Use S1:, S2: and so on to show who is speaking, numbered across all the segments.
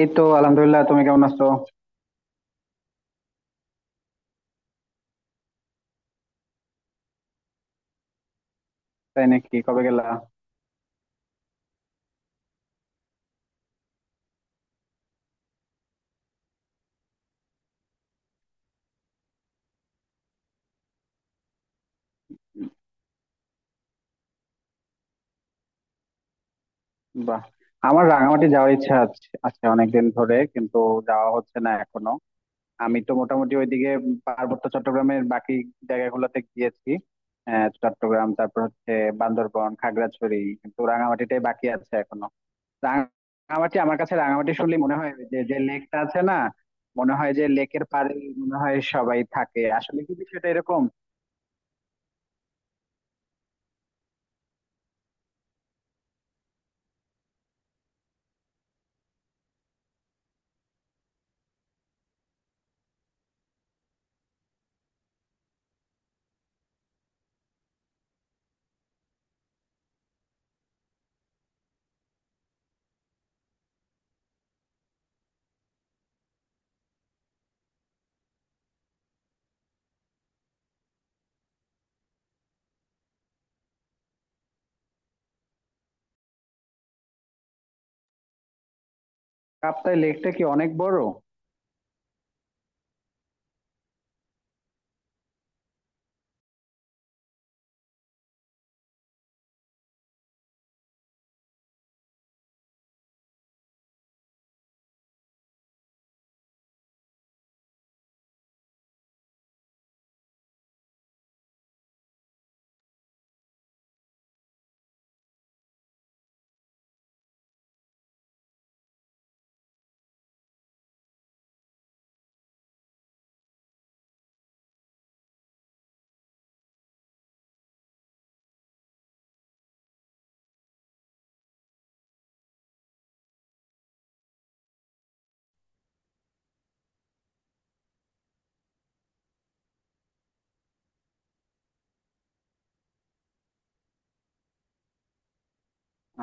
S1: এই তো আলহামদুলিল্লাহ। তুমি কেমন আছো? তাই নাকি? কবে গেলা? বাহ। আমার রাঙামাটি যাওয়ার ইচ্ছা আছে আছে অনেকদিন ধরে, কিন্তু যাওয়া হচ্ছে না এখনো। আমি তো মোটামুটি ওইদিকে পার্বত্য চট্টগ্রামের বাকি জায়গাগুলোতে গিয়েছি। চট্টগ্রাম, তারপর হচ্ছে বান্দরবন, খাগড়াছড়ি, কিন্তু রাঙামাটিটাই বাকি আছে এখনো। রাঙামাটি, আমার কাছে রাঙামাটি শুনলে মনে হয় ওই যে যে লেকটা আছে না? মনে হয় যে লেকের পাড়ে মনে হয় সবাই থাকে। আসলে কি বিষয়টা এরকম? কাপ্তাই লেকটা কি অনেক বড়?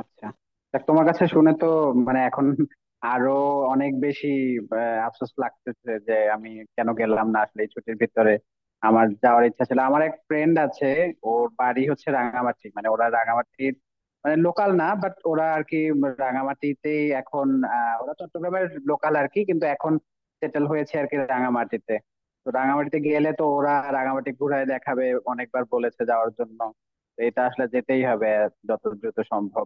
S1: আচ্ছা, তা তোমার কাছে শুনে তো মানে এখন আরো অনেক বেশি আহ, আফসোস লাগতেছে, যে আমি কেন গেলাম না আসলে এই ছুটির ভিতরে। আমার যাওয়ার ইচ্ছা ছিল। আমার এক ফ্রেন্ড আছে, ওর বাড়ি হচ্ছে রাঙামাটি, মানে ওরা রাঙামাটির মানে লোকাল না, বাট ওরা আর কি রাঙামাটিতেই এখন। ওরা চট্টগ্রামের লোকাল আর কি, কিন্তু এখন সেটেল হয়েছে আর কি রাঙামাটিতে। তো রাঙামাটিতে গেলে তো ওরা রাঙামাটি ঘুরায় দেখাবে। অনেকবার বলেছে যাওয়ার জন্য। তো এটা আসলে যেতেই হবে যত দ্রুত সম্ভব।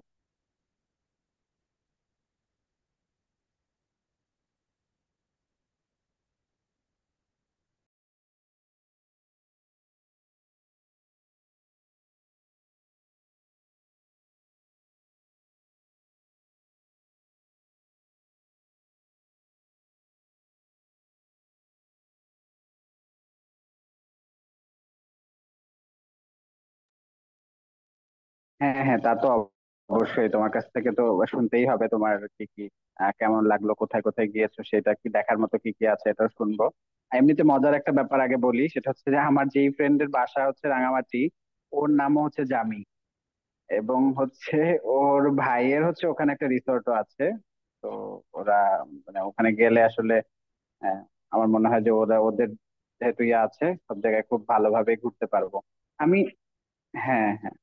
S1: হ্যাঁ, হ্যাঁ, তা তো অবশ্যই তোমার কাছ থেকে তো শুনতেই হবে তোমার কি কি কেমন লাগলো, কোথায় কোথায় গিয়েছো, সেটা কি দেখার মতো কি কি আছে, এটা শুনবো। আর এমনিতে মজার একটা ব্যাপার আগে বলি, সেটা হচ্ছে যে আমার যেই ফ্রেন্ডের বাসা হচ্ছে রাঙামাটি, ওর নামও হচ্ছে জামি। এবং হচ্ছে ওর ভাইয়ের হচ্ছে ওখানে একটা রিসোর্টও আছে। তো ওরা মানে ওখানে গেলে আসলে আহ, আমার মনে হয় যে ওরা ওদের যেহেতু ইয়ে আছে, সব জায়গায় খুব ভালোভাবে ঘুরতে পারবো। আমি হ্যাঁ, হ্যাঁ,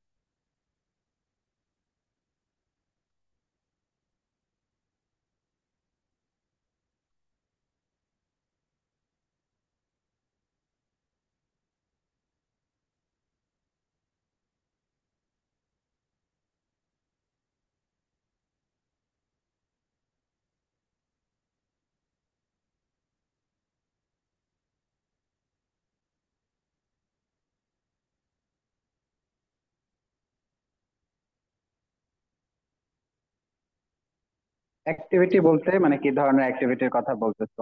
S1: অ্যাক্টিভিটি বলতে মানে কি ধরনের অ্যাক্টিভিটির কথা বলতেছো?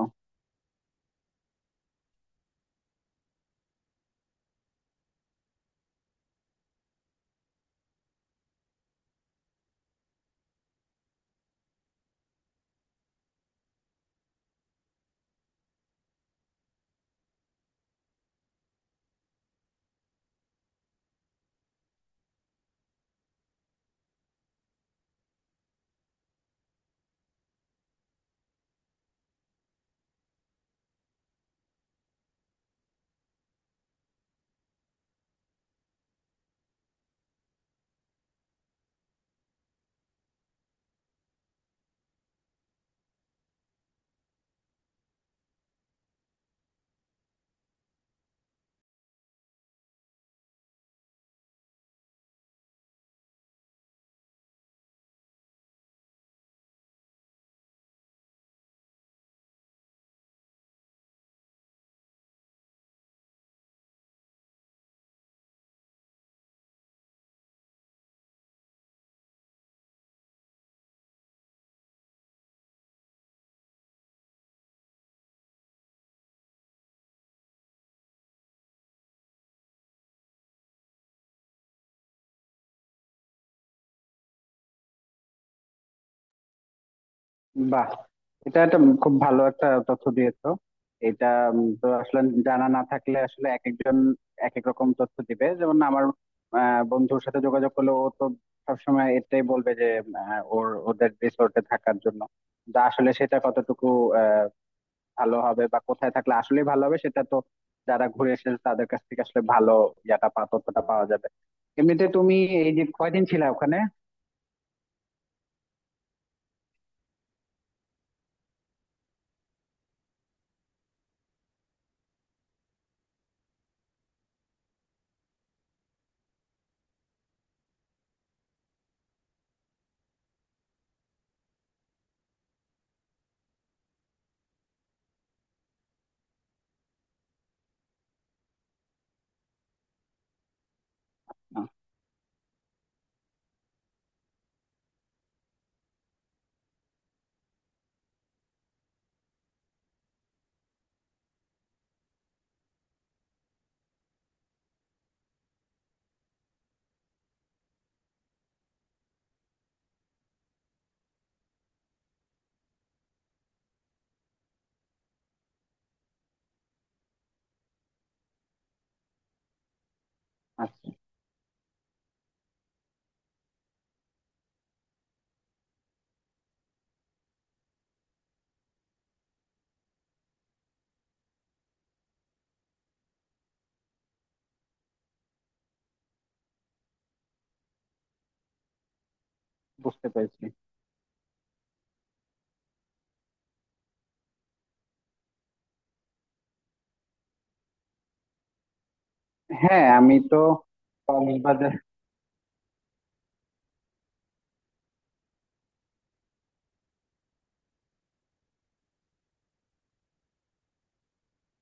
S1: বাহ। এটা একটা খুব ভালো একটা তথ্য দিয়েছো এটা। তো আসলে জানা না থাকলে আসলে এক একজন এক এক রকম তথ্য দিবে, যেমন আমার বন্ধুর সাথে যোগাযোগ করলে ও তো সবসময় এটাই বলবে যে ওদের রিসোর্টে থাকার জন্য। কিন্তু আসলে সেটা কতটুকু আহ, ভালো হবে বা কোথায় থাকলে আসলে ভালো হবে, সেটা তো যারা ঘুরে এসেছে তাদের কাছ থেকে আসলে ভালো ইয়াটা পা তথ্যটা পাওয়া যাবে। এমনিতে তুমি এই যে কয়দিন ছিলে ওখানে? আচ্ছা, বুঝতে পেরেছি। হ্যাঁ, আমি তো কক্সবাজার।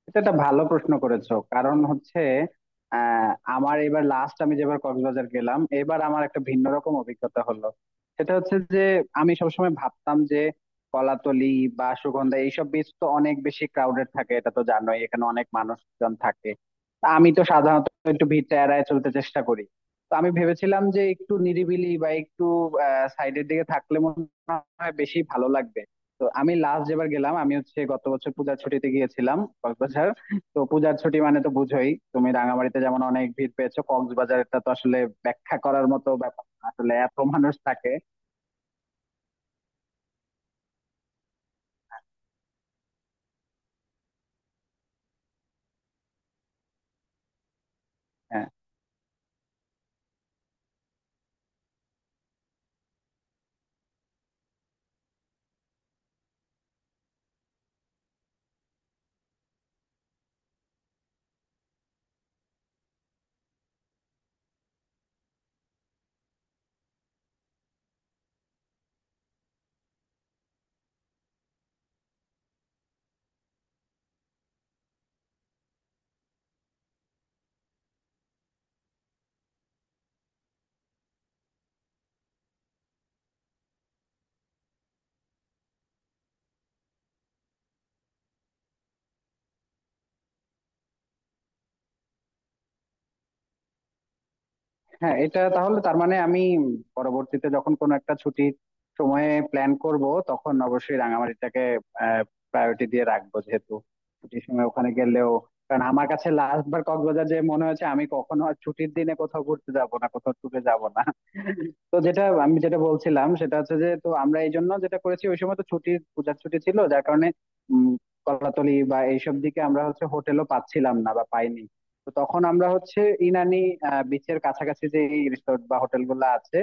S1: এটা একটা ভালো প্রশ্ন করেছো, কারণ হচ্ছে আহ, আমার এবার লাস্ট আমি যেবার কক্সবাজার গেলাম এবার আমার একটা ভিন্ন রকম অভিজ্ঞতা হলো। সেটা হচ্ছে যে আমি সবসময় ভাবতাম যে কলাতলি বা সুগন্ধা এইসব বীচ তো অনেক বেশি ক্রাউডেড থাকে, এটা তো জানোই, এখানে অনেক মানুষজন থাকে। তা আমি তো সাধারণত একটু ভিড়টা এড়ায় চলতে চেষ্টা করি। তো আমি ভেবেছিলাম যে একটু নিরিবিলি বা একটু সাইডের দিকে থাকলে মনে হয় বেশি ভালো লাগবে। তো আমি লাস্ট যেবার গেলাম, আমি হচ্ছে গত বছর পূজার ছুটিতে গিয়েছিলাম কক্সবাজার। তো পূজার ছুটি মানে তো বুঝোই, তুমি রাঙামাটিতে যেমন অনেক ভিড় পেয়েছো, কক্সবাজারটা তো আসলে ব্যাখ্যা করার মতো ব্যাপার না। আসলে এত মানুষ থাকে। হ্যাঁ, হ্যাঁ, এটা তাহলে তার মানে আমি পরবর্তীতে যখন কোনো একটা ছুটির সময়ে প্ল্যান করব, তখন অবশ্যই রাঙামাটিটাকে প্রায়োরিটি দিয়ে রাখবো, যেহেতু ছুটির সময় ওখানে গেলেও। কারণ আমার কাছে লাস্ট বার কক্সবাজার যে মনে হয়েছে, আমি কখনো আর ছুটির দিনে কোথাও ঘুরতে যাব না, কোথাও ট্যুরে যাব না। তো যেটা বলছিলাম, সেটা হচ্ছে যে তো আমরা এই জন্য যেটা করেছি, ওই সময় তো পূজার ছুটি ছিল, যার কারণে উম কলাতলি বা এইসব দিকে আমরা হচ্ছে হোটেলও পাচ্ছিলাম না বা পাইনি। তো তখন আমরা হচ্ছে ইনানি বিচের কাছাকাছি যে রিসোর্ট বা হোটেল গুলো আছে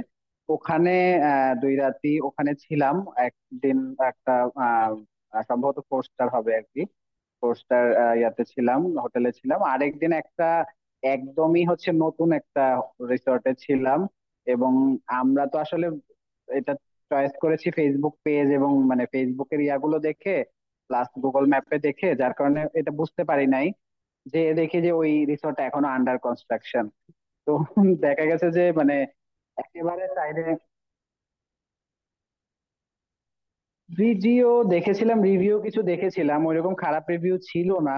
S1: ওখানে দুই রাতি ওখানে ছিলাম। একদিন একটা আহ, আহ, সম্ভবত ফোর স্টার হবে আর কি, ফোর স্টার ইয়াতে ছিলাম, হোটেলে ছিলাম। আরেকদিন একটা একদমই হচ্ছে নতুন একটা রিসর্টে ছিলাম। এবং আমরা তো আসলে এটা চয়েস করেছি ফেসবুক পেজ এবং মানে ফেসবুকের ইয়াগুলো দেখে, প্লাস গুগল ম্যাপে দেখে, যার কারণে এটা বুঝতে পারি নাই, যেয়ে দেখি যে ওই রিসোর্টটা এখনো আন্ডার কনস্ট্রাকশন। তো দেখা গেছে যে মানে একেবারে সাইডে। ভিডিও দেখেছিলাম, রিভিউ কিছু দেখেছিলাম, ওইরকম খারাপ রিভিউ ছিল না।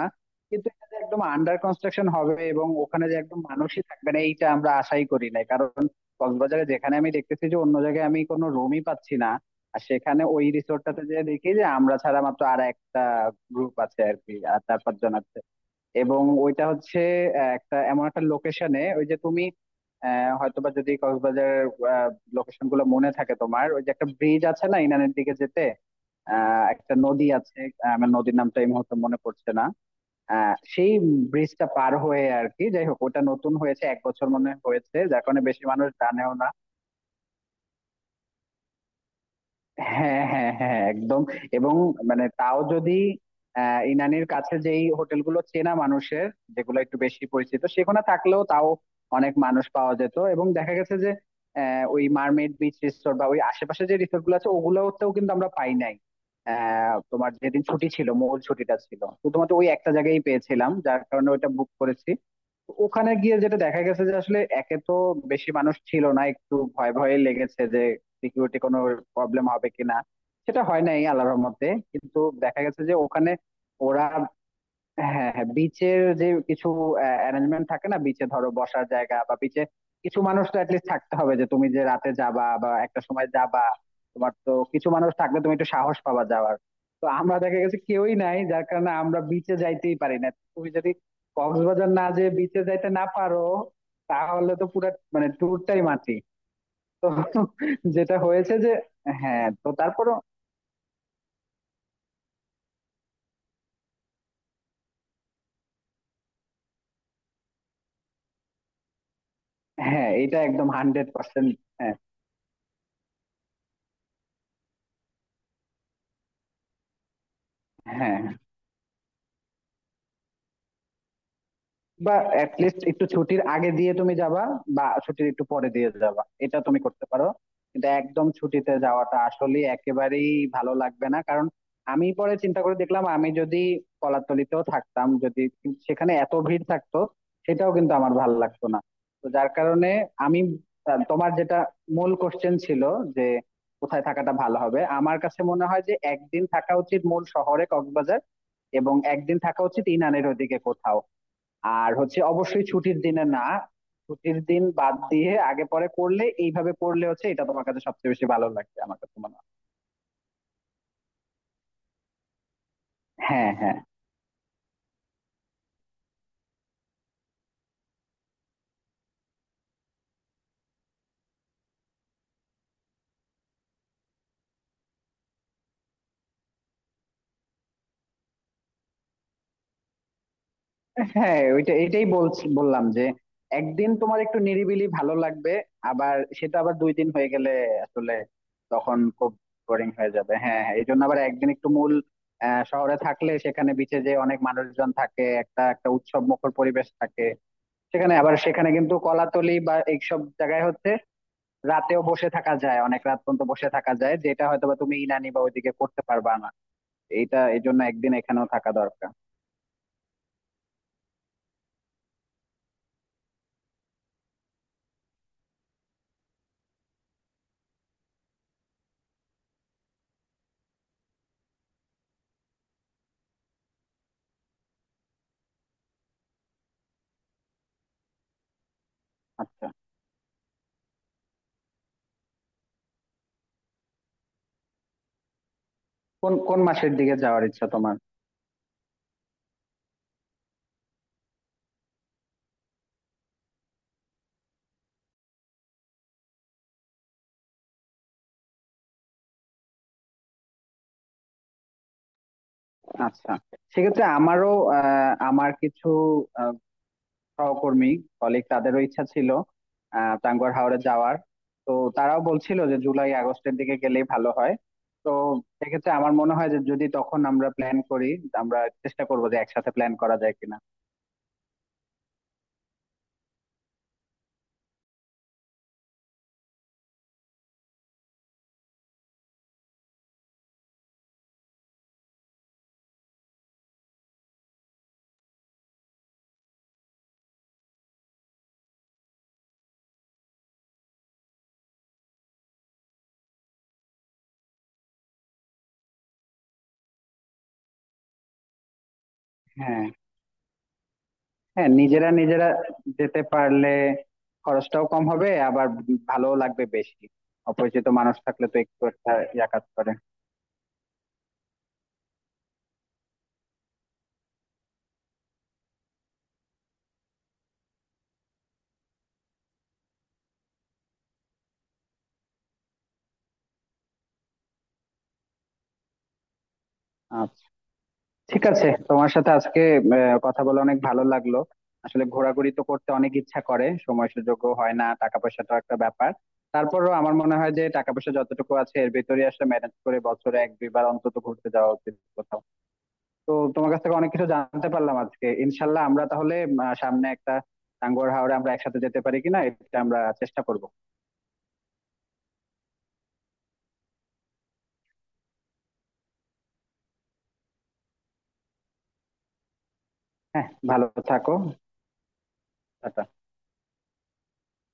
S1: কিন্তু এটা যে একদম আন্ডার কনস্ট্রাকশন হবে এবং ওখানে যে একদম মানুষই থাকবে না, এইটা আমরা আশাই করি নাই, কারণ কক্সবাজারে যেখানে আমি দেখতেছি যে অন্য জায়গায় আমি কোনো রুমই পাচ্ছি না, আর সেখানে ওই রিসোর্টটাতে যে দেখি যে আমরা ছাড়া মাত্র আর একটা গ্রুপ আছে আর কি, আর চার পাঁচজন আছে। এবং ওইটা হচ্ছে একটা এমন একটা লোকেশনে, ওই যে তুমি হয়তোবা যদি কক্সবাজারের লোকেশন গুলো মনে থাকে তোমার, ওই যে একটা ব্রিজ আছে না ইনানের দিকে যেতে, একটা নদী আছে। আমার নদীর নামটা এই মুহূর্তে মনে পড়ছে না। সেই ব্রিজটা পার হয়ে আর কি, যাই হোক ওটা নতুন হয়েছে এক বছর মনে হয়েছে, যার কারণে বেশি মানুষ জানেও না। হ্যাঁ, হ্যাঁ, হ্যাঁ, একদম। এবং মানে তাও যদি ইনানির কাছে যেই হোটেলগুলো চেনা মানুষের, যেগুলো একটু বেশি পরিচিত সেখানে থাকলেও, তাও অনেক মানুষ পাওয়া যেত। এবং দেখা গেছে যে ওই মার্মেড বিচ রিসোর্ট বা ওই আশেপাশে যে রিসোর্ট গুলো আছে ওগুলোতেও কিন্তু আমরা পাই নাই। তোমার যেদিন ছুটি ছিল মূল ছুটিটা ছিল, শুধুমাত্র ওই একটা জায়গায় পেয়েছিলাম, যার কারণে ওইটা বুক করেছি। ওখানে গিয়ে যেটা দেখা গেছে যে আসলে একে তো বেশি মানুষ ছিল না, একটু ভয় ভয়ে লেগেছে, সিকিউরিটি কোনো প্রবলেম হবে কিনা, সেটা হয় নাই আল্লাহর রহমতে। কিন্তু দেখা গেছে যে ওখানে ওরা। হ্যাঁ, হ্যাঁ, বিচের যে কিছু অ্যারেঞ্জমেন্ট থাকে না, বিচে ধরো বসার জায়গা, বা বিচে কিছু মানুষ তো অ্যাটলিস্ট থাকতে হবে, যে তুমি যে রাতে যাবা বা একটা সময় যাবা। তোমার তো কিছু মানুষ থাকলে তুমি একটু সাহস পাবা যাওয়ার। তো আমরা দেখা গেছে কেউই নাই, যার কারণে আমরা বিচে যাইতেই পারি না। তুমি যদি কক্সবাজার না যে বিচে যাইতে না পারো, তাহলে তো পুরো মানে ট্যুরটাই মাটি। তো যেটা হয়েছে যে, হ্যাঁ, তো তারপরও, হ্যাঁ এটা একদম হান্ড্রেড পার্সেন্ট। হ্যাঁ, হ্যাঁ, বা এট লিস্ট একটু ছুটির আগে দিয়ে তুমি যাবা, বা ছুটির একটু পরে দিয়ে যাবা, এটা তুমি করতে পারো। কিন্তু একদম ছুটিতে যাওয়াটা আসলে একেবারেই ভালো লাগবে না, কারণ আমি পরে চিন্তা করে দেখলাম, আমি যদি কলাতলিতেও থাকতাম, যদি সেখানে এত ভিড় থাকতো, সেটাও কিন্তু আমার ভালো লাগতো না। তো যার কারণে আমি, তোমার যেটা মূল কোশ্চেন ছিল, যে কোথায় থাকাটা ভালো হবে, আমার কাছে মনে হয় যে একদিন থাকা উচিত মূল শহরে কক্সবাজার, এবং একদিন থাকা উচিত ইনানের ওদিকে কোথাও। আর হচ্ছে অবশ্যই ছুটির দিনে না, ছুটির দিন বাদ দিয়ে আগে পরে করলে, এইভাবে করলে হচ্ছে এটা তোমার কাছে সবচেয়ে বেশি ভালো লাগবে আমার কাছে মনে হয়। হ্যাঁ, হ্যাঁ, হ্যাঁ, ওইটা এটাই বললাম, যে একদিন তোমার একটু নিরিবিলি ভালো লাগবে, আবার সেটা আবার দুই দিন হয়ে গেলে আসলে তখন খুব বোরিং হয়ে যাবে। হ্যাঁ, হ্যাঁ, এই জন্য আবার একদিন একটু মূল শহরে থাকলে, সেখানে বিচে যে অনেক মানুষজন থাকে, একটা একটা উৎসব মুখর পরিবেশ থাকে। সেখানে কিন্তু কলাতলি বা এইসব জায়গায় হচ্ছে রাতেও বসে থাকা যায়, অনেক রাত পর্যন্ত বসে থাকা যায়, যেটা হয়তোবা তুমি ইনানি বা ওইদিকে করতে পারবা না। এইটা এই জন্য একদিন এখানেও থাকা দরকার। আচ্ছা, কোন কোন মাসের দিকে যাওয়ার ইচ্ছা তোমার? আচ্ছা, সেক্ষেত্রে আমারও আমার কিছু আহ, সহকর্মী কলিগ, তাদেরও ইচ্ছা ছিল টাঙ্গুয়ার হাওরে যাওয়ার। তো তারাও বলছিল যে জুলাই আগস্টের দিকে গেলেই ভালো হয়। তো সেক্ষেত্রে আমার মনে হয় যে যদি তখন আমরা প্ল্যান করি, আমরা চেষ্টা করবো যে একসাথে প্ল্যান করা যায় কিনা। হ্যাঁ, হ্যাঁ, নিজেরা নিজেরা যেতে পারলে খরচটাও কম হবে, আবার ভালো লাগবে বেশি। অপরিচিত মানুষ থাকলে তো একটু একটা ইয়া কাজ করে। আচ্ছা, ঠিক আছে, তোমার সাথে আজকে কথা বলে অনেক ভালো লাগলো। আসলে ঘোরাঘুরি তো করতে অনেক ইচ্ছা করে, সময় সুযোগও হয় না, টাকা পয়সাটাও একটা ব্যাপার। তারপরও আমার মনে হয় যে টাকা পয়সা যতটুকু আছে এর ভিতরে আসলে ম্যানেজ করে বছরে এক দুইবার অন্তত ঘুরতে যাওয়া উচিত কোথাও। তো তোমার কাছ থেকে অনেক কিছু জানতে পারলাম আজকে। ইনশাল্লাহ আমরা তাহলে সামনে একটা টাঙ্গুয়ার হাওরে আমরা একসাথে যেতে পারি কিনা, এটা আমরা চেষ্টা করব। হ্যাঁ, ভালো থাকো। টাটা।